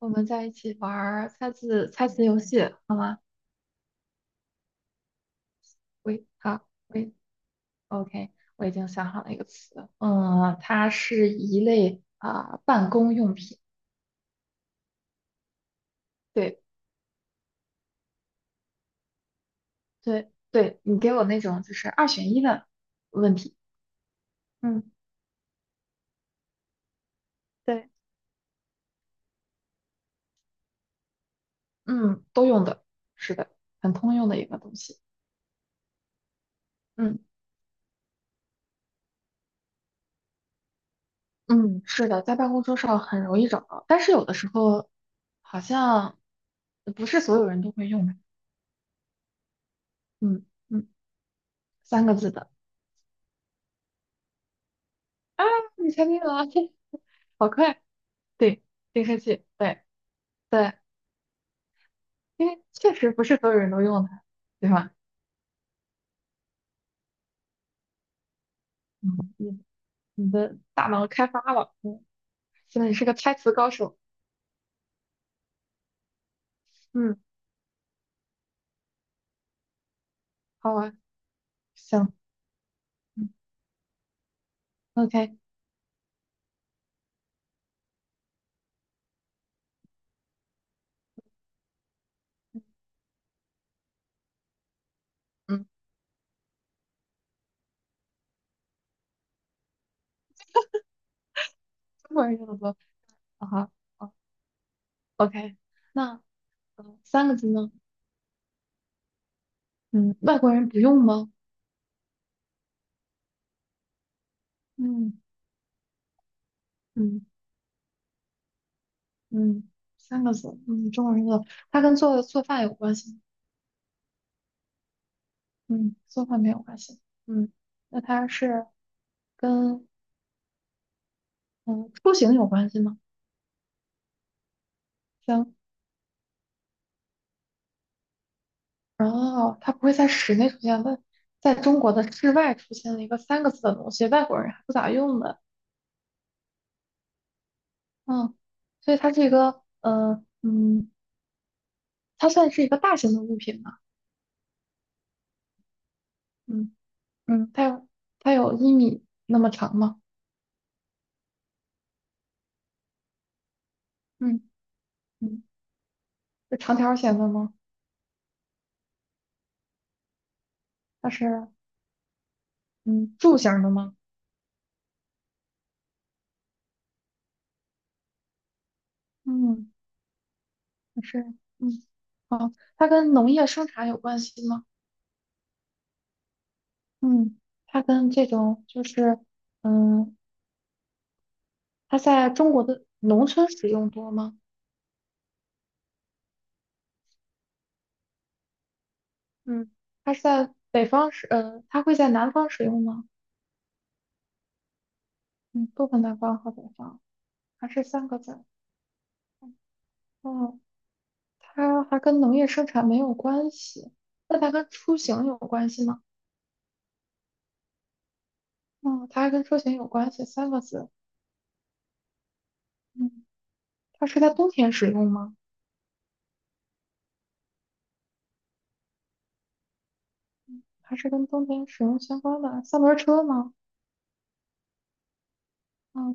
我们在一起玩儿猜字猜词游戏，好吗？喂，好，喂，OK，我已经想好了一个词，它是一类啊、办公用品。对对对，你给我那种就是二选一的问题，嗯对，嗯，都用的，是的，很通用的一个东西。嗯嗯，是的，在办公桌上很容易找到，但是有的时候好像不是所有人都会用的。嗯嗯，三个字的。啊，你猜对了，这好快！对，净化器，对对，因为确实不是所有人都用它，对吧？嗯，你你的大脑开发了，现在你是个猜词高手，嗯，好啊，行，嗯，OK，嗯，中国人用的多，好，哈，o k 那三个字呢？嗯，外国人不用吗？嗯嗯嗯，三个字，中国人用的，它跟做饭有关系吗？嗯，做饭没有关系，嗯，那它是。跟嗯出行有关系吗？行，然后它不会在室内出现，但在中国的室外出现了一个三个字的东西，外国人还不咋用的，嗯，所以它是一个它算是一个大型的物品嘛，嗯嗯，它有1米那么长吗？嗯嗯，是长条形的吗？它是嗯柱形的吗？嗯，它是嗯好，它跟农业生产有关系吗？嗯，它跟这种就是。嗯，它在中国的农村使用多吗？嗯，它是在北方使，它会在南方使用吗？嗯，不分南方和北方，还是三个字。哦，它还跟农业生产没有关系，那它跟出行有关系吗？哦，它还跟出行有关系，三个字。嗯，它是在冬天使用吗？还是跟冬天使用相关的三轮车吗？嗯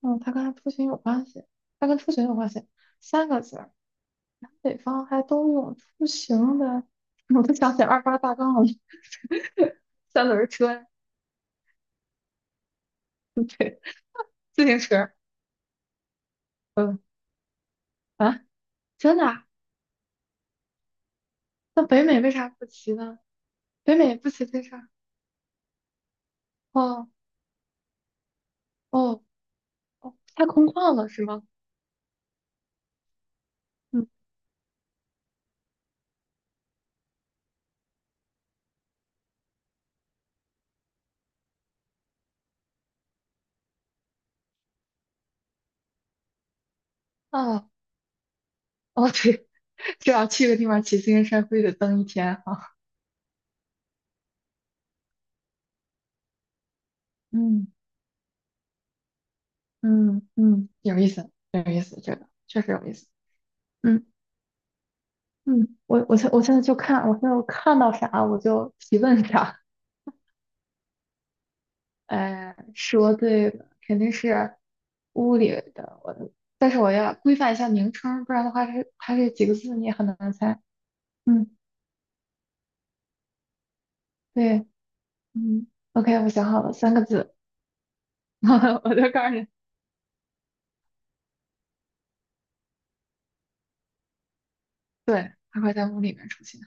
嗯，它跟出行有关系，它跟出行有关系，三个字。北方还都有出行的，我都想起二八大杠了，三轮车、自行车，嗯啊，真的啊？那北美为啥不骑呢？北美不骑自行车？哦哦哦，太空旷了是吗？嗯啊哦对，这要去个地方骑自行车，非得蹬一天啊。嗯嗯嗯，有意思，有意思，这个确实有意思。嗯嗯，我现在就看，我现在我看到啥我就提问啥。说对了，肯定是屋里的我的但是我要规范一下名称，不然的话它是，它这几个字你也很难猜。嗯，对，嗯，OK，我想好了，三个字，我就告诉你，对，它会在屋里面出现，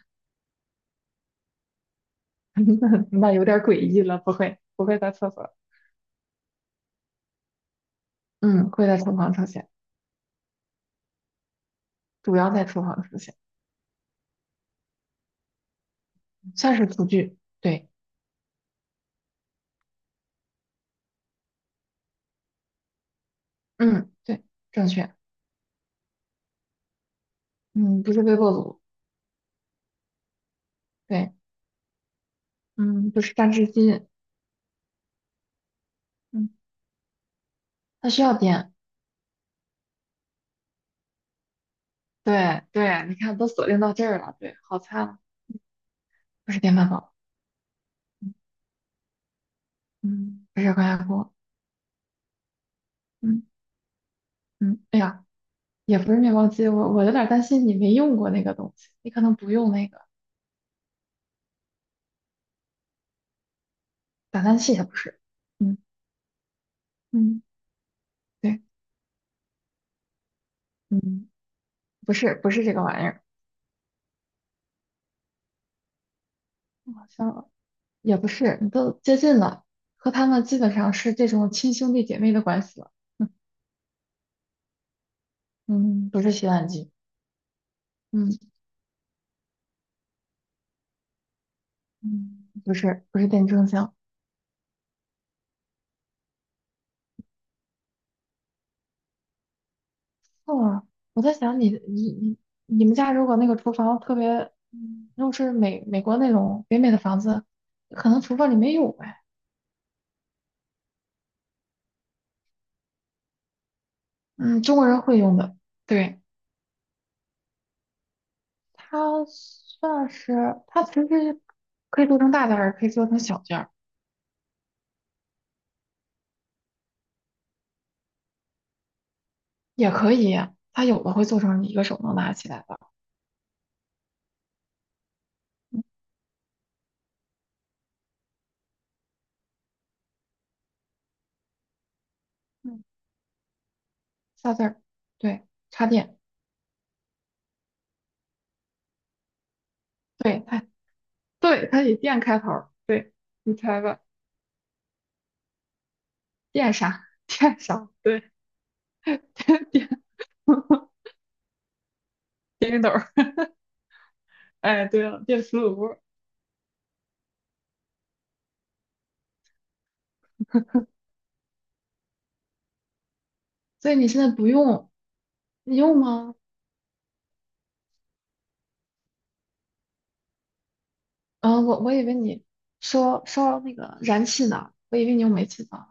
那有点诡异了，不会，不会在厕所，嗯，会在厨房出现，主要在厨房出现，算是厨具，对，嗯，对，正确，嗯，不是微波炉，对，嗯，不是榨汁机，嗯，它需要电。对对，你看都锁定到这儿了，对，好菜了，不是电饭煲，嗯，不是高压锅，嗯嗯，哎呀，也不是面包机，我有点儿担心你没用过那个东西，你可能不用那个打蛋器，也不是，嗯嗯，对，嗯，不是这个玩意儿，好像也不是，你都接近了，和他们基本上是这种亲兄弟姐妹的关系了，嗯嗯，不是洗碗机，嗯嗯，不是电蒸箱。哦，我在想你们家如果那个厨房特别，如果是美国那种北美的房子，可能厨房里没有呗。嗯，中国人会用的，对，它算是它其实可以做成大件儿，也可以做成小件儿，也可以，它有的会做成你一个手能拿起来的，嗯，嗯，仨字儿，对，插电，对它，对它以电开头儿，对，你猜吧，电啥？电啥？对，电 电熨斗。哎，对了，电磁炉，所以你现在不用，你用吗？啊，我以为你说烧那个燃气呢，我以为你用煤气灶。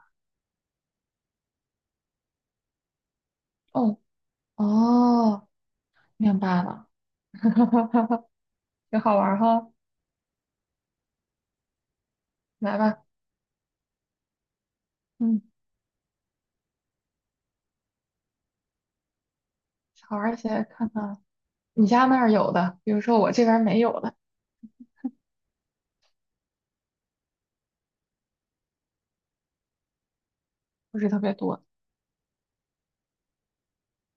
哦哦，明白了，哈哈哈哈挺好玩儿哈，来吧，嗯，好玩儿一些，看看你家那儿有的，比如说我这边儿没有的，不是特别多，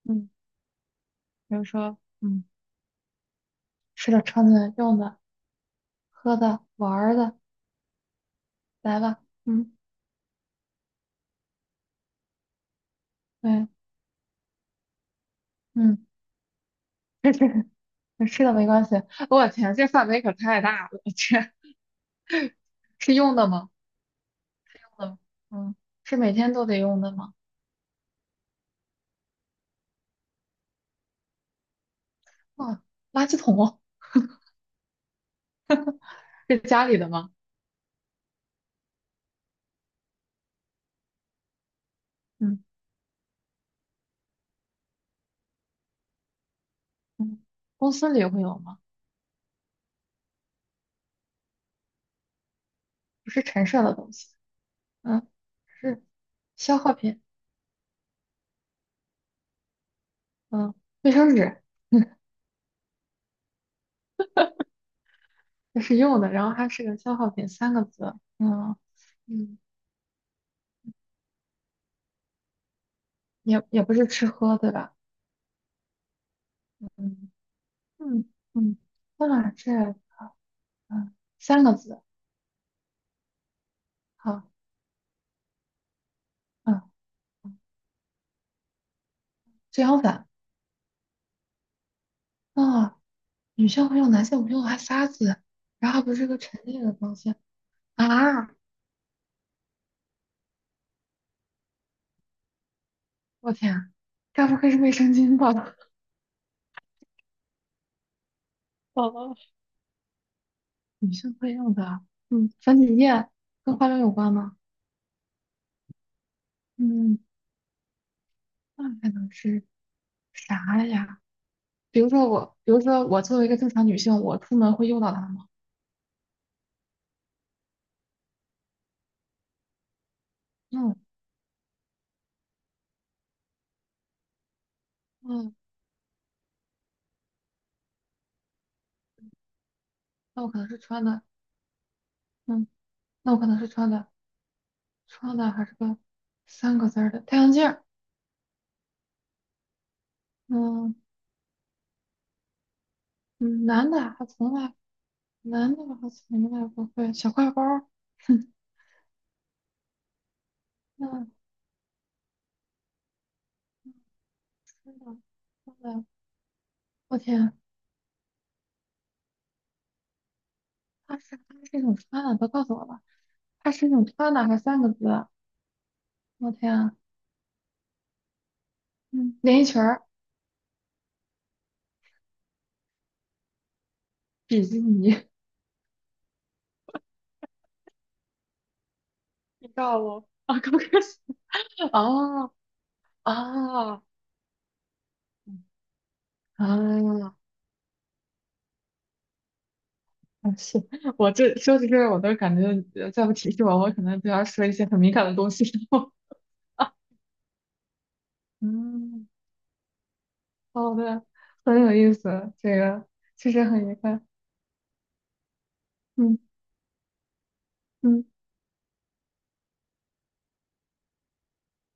嗯，比如说，吃的、穿的、用的、喝的、玩儿的，来吧，嗯，对，嗯。吃的没关系。我天，这范围可太大了，这是用的吗？用的，嗯，是每天都得用的吗？啊，垃圾桶是家里的吗？嗯嗯，公司里会有吗？不是陈设的东西，嗯，是消耗品，嗯，卫生纸，嗯，这是用的，然后它是个消耗品，三个字，嗯嗯，也不是吃喝，对吧？嗯嗯嗯，那这嗯三个字，好，嗯，遮阳伞。啊，女性会用男性我用还沙子，然后还不是个陈列的东西啊！我天啊，该不会是卫生巾吧？哦，女性会用的，嗯，粉底液跟化妆有关吗？嗯，那还能是啥呀？比如说我，比如说我作为一个正常女性，我出门会用到它吗？嗯嗯，那我可能是穿的，嗯，那我可能是穿的，穿的还是个三个字儿的太阳镜儿。嗯嗯，男的好像从来不会小挎包儿，哼，那真的，真的，我天，他是一种穿的，都告诉我吧，他是一种穿的，还三个字，我天啊嗯，连衣裙儿、比基尼、你告诉我啊，高跟鞋，哦啊啊，啊是我这说起这个，我都感觉再不提示我，我可能就要说一些很敏感的东西然后 嗯，好的，很有意思，这个确实很愉快，嗯嗯。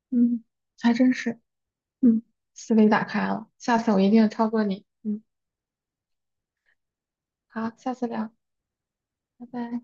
嗯，还真是，嗯，思维打开了，下次我一定超过你。嗯，好，下次聊，拜拜。